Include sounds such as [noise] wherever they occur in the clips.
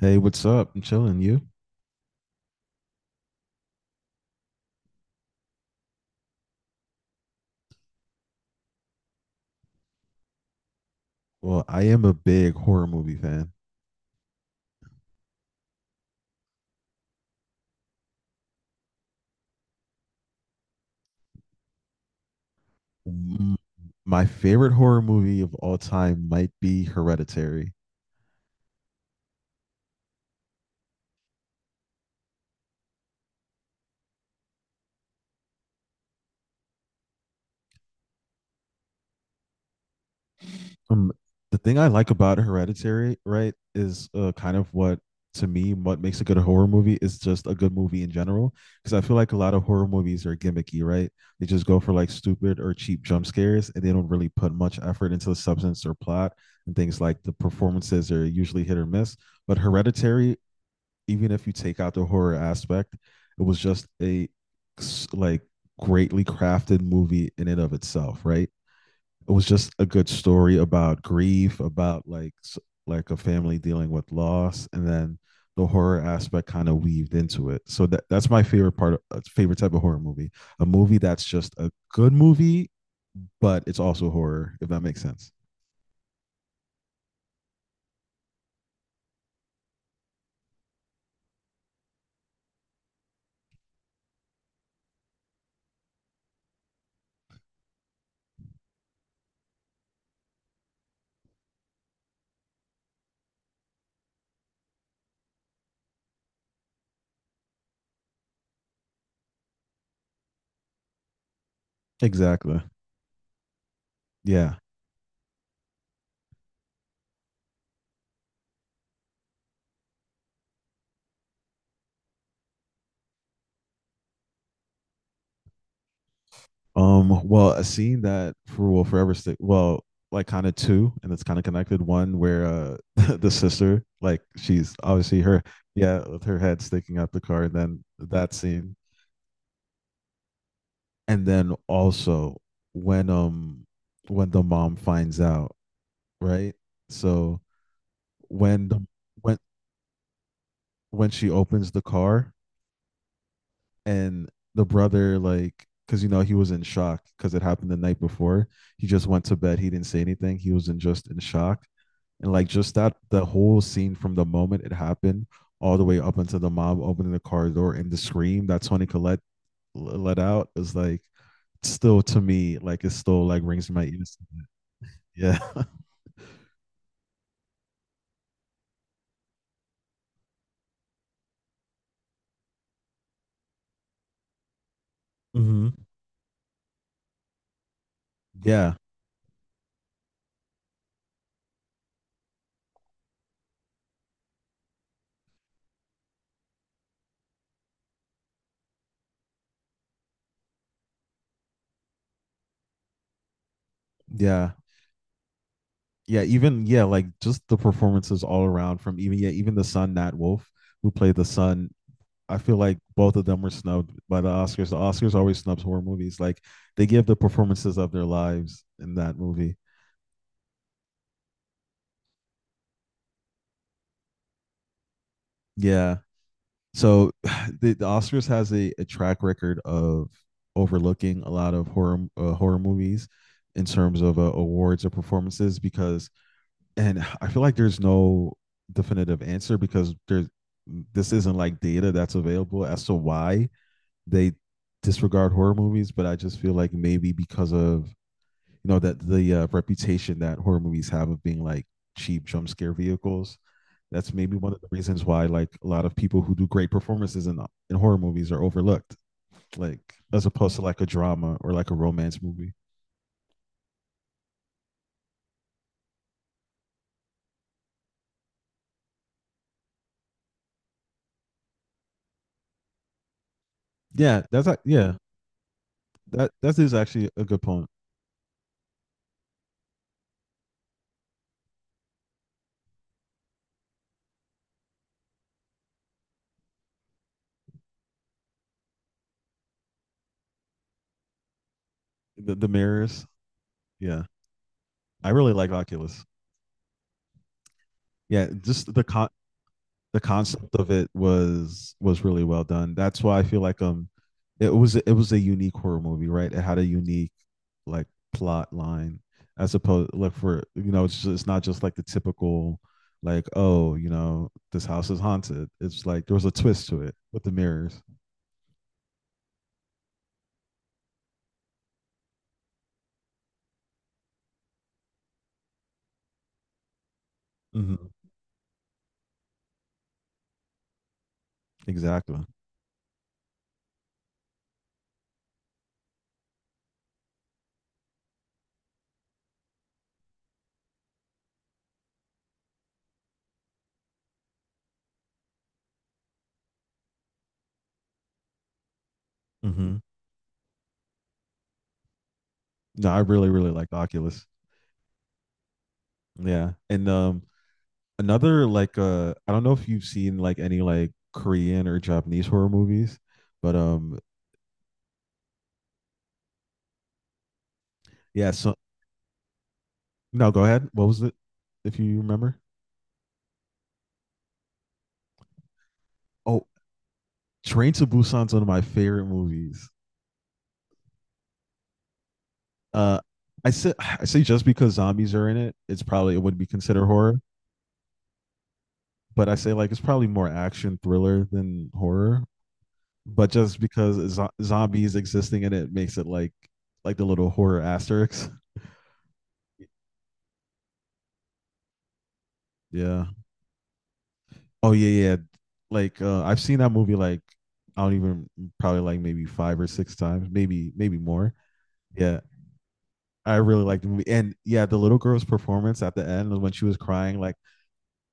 Hey, what's up? I'm chilling. You? Well, I am a big horror movie fan. Mm, My favorite horror movie of all time might be Hereditary. Um, the thing I like about Hereditary, right, is kind of what, to me, what makes a good horror movie is just a good movie in general. Because I feel like a lot of horror movies are gimmicky, right? They just go for, like, stupid or cheap jump scares, and they don't really put much effort into the substance or plot, and things like the performances are usually hit or miss. But Hereditary, even if you take out the horror aspect, it was just a, like, greatly crafted movie in and of itself, right? It was just a good story about grief, about like a family dealing with loss, and then the horror aspect kind of weaved into it. So that's my favorite part — of, favorite type of horror movie, a movie that's just a good movie, but it's also horror, if that makes sense. Exactly. Yeah. Well, a scene that for will forever stick. Well, like, kind of two, and it's kind of connected. One where [laughs] the sister, like, she's obviously her, yeah, with her head sticking out the car. And then that scene, and then also when um when the mom finds out, right? So when the when when she opens the car, and the brother, like, because you know he was in shock because it happened the night before. He just went to bed, he didn't say anything, he was in just in shock. And, like, just that, the whole scene, from the moment it happened all the way up until the mom opening the car door, and the scream that Tony Collette let out is, like, still to me, like, it still, like, rings in my ears. Yeah, [laughs] Mm-hmm. Yeah, yeah, yeah. Even, yeah, like, just the performances all around, from even, yeah, even the son, Nat Wolff, who played the son. I feel like both of them were snubbed by the Oscars. The Oscars always snubs horror movies. Like, they give the performances of their lives in that movie. Yeah, so [sighs] the Oscars has a track record of overlooking a lot of horror movies in terms of awards or performances, because — and I feel like there's no definitive answer, because there's this isn't like data that's available as to why they disregard horror movies, but I just feel like maybe because of, you know, that the reputation that horror movies have of being, like, cheap jump scare vehicles, that's maybe one of the reasons why, like, a lot of people who do great performances in horror movies are overlooked, like, as opposed to, like, a drama or like a romance movie. Yeah, that's, yeah, that is actually a good point. The mirrors, yeah, I really like Oculus. Yeah, just the concept of it was really well done. That's why I feel like, it was a unique horror movie, right? It had a unique, like, plot line, as opposed, like, for you know, it's not just like the typical, like, oh, you know, this house is haunted. It's like there was a twist to it with the mirrors. Mm-hmm. Exactly. Mm-hmm. No, I really really liked Oculus. Yeah, and another, like, I don't know if you've seen, like, any, like, Korean or Japanese horror movies, but yeah, so, no, go ahead, what was it, if you remember. Oh, Train to Busan's one of my favorite movies. uh I say just because zombies are in it, it's probably, it would be considered horror. But I say, like, it's probably more action thriller than horror. But just because zombies existing in it makes it, like, the little horror asterisk. Yeah. Oh, yeah, yeah. Like, I've seen that movie, like, I don't even, probably, like, maybe five or six times, maybe more. Yeah, I really liked the movie, and yeah, the little girl's performance at the end when she was crying, like,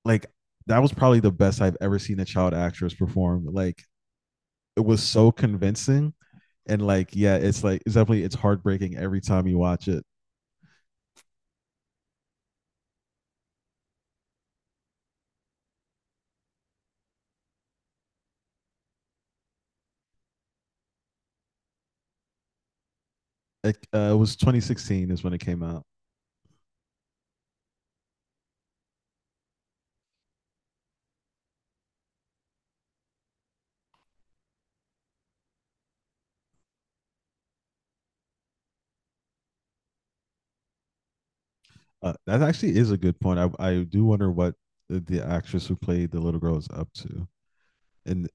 like that was probably the best I've ever seen a child actress perform. Like, it was so convincing, and, like, yeah, it's, like, it's heartbreaking every time you watch it. It was 2016 is when it came out. That actually is a good point. I do wonder what the actress who played the little girl is up to. And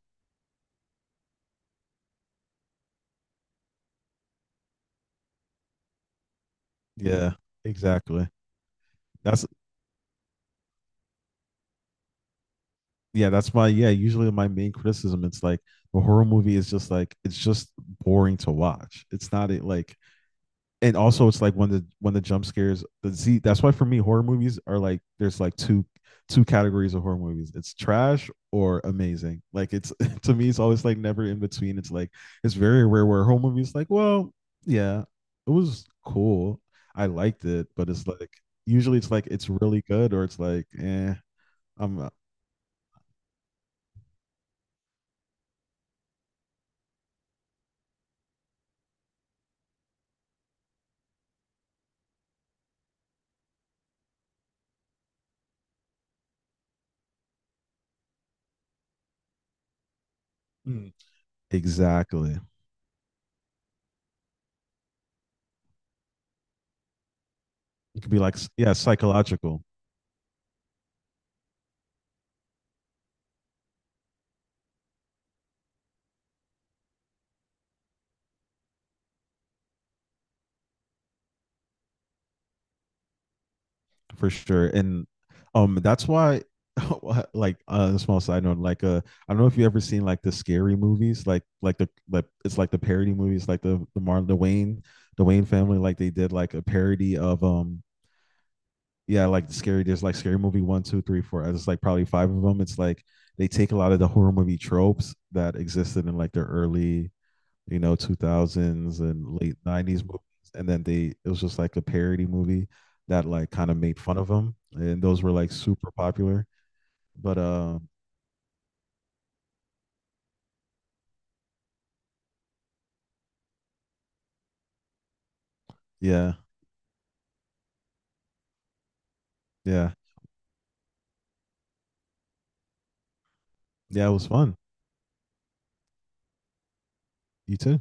yeah, exactly. That's, yeah, that's my, yeah, usually my main criticism, it's like a horror movie is just, like, it's just boring to watch. It's not, it, like, and also it's like when the jump scares. The, z. that's why for me horror movies are, like, there's, like, two categories of horror movies. It's trash or amazing. Like, it's [laughs] to me, it's always, like, never in between. It's like it's very rare where a horror movie is, like, well, yeah, it was cool, I liked it, but it's, like, usually it's like, it's really good, or it's like, eh, I'm not. Mm. Exactly. It could be, like, yeah, psychological. For sure. And that's why [laughs] like, a small side note, like, I don't know if you ever seen, like, the Scary Movies, like, the, like, it's like, the parody movies, like, the Martin, the Wayne family, like they did like a parody of yeah, like, the scary, there's, like, Scary Movie 1, 2, 3, 4, it's, like, probably five of them, it's like they take a lot of the horror movie tropes that existed in, like, the early, 2000s and late 90s movies. And then they, it was just like a parody movie that, like, kind of made fun of them. And those were, like, super popular. But yeah, yeah, yeah, it was fun. You too.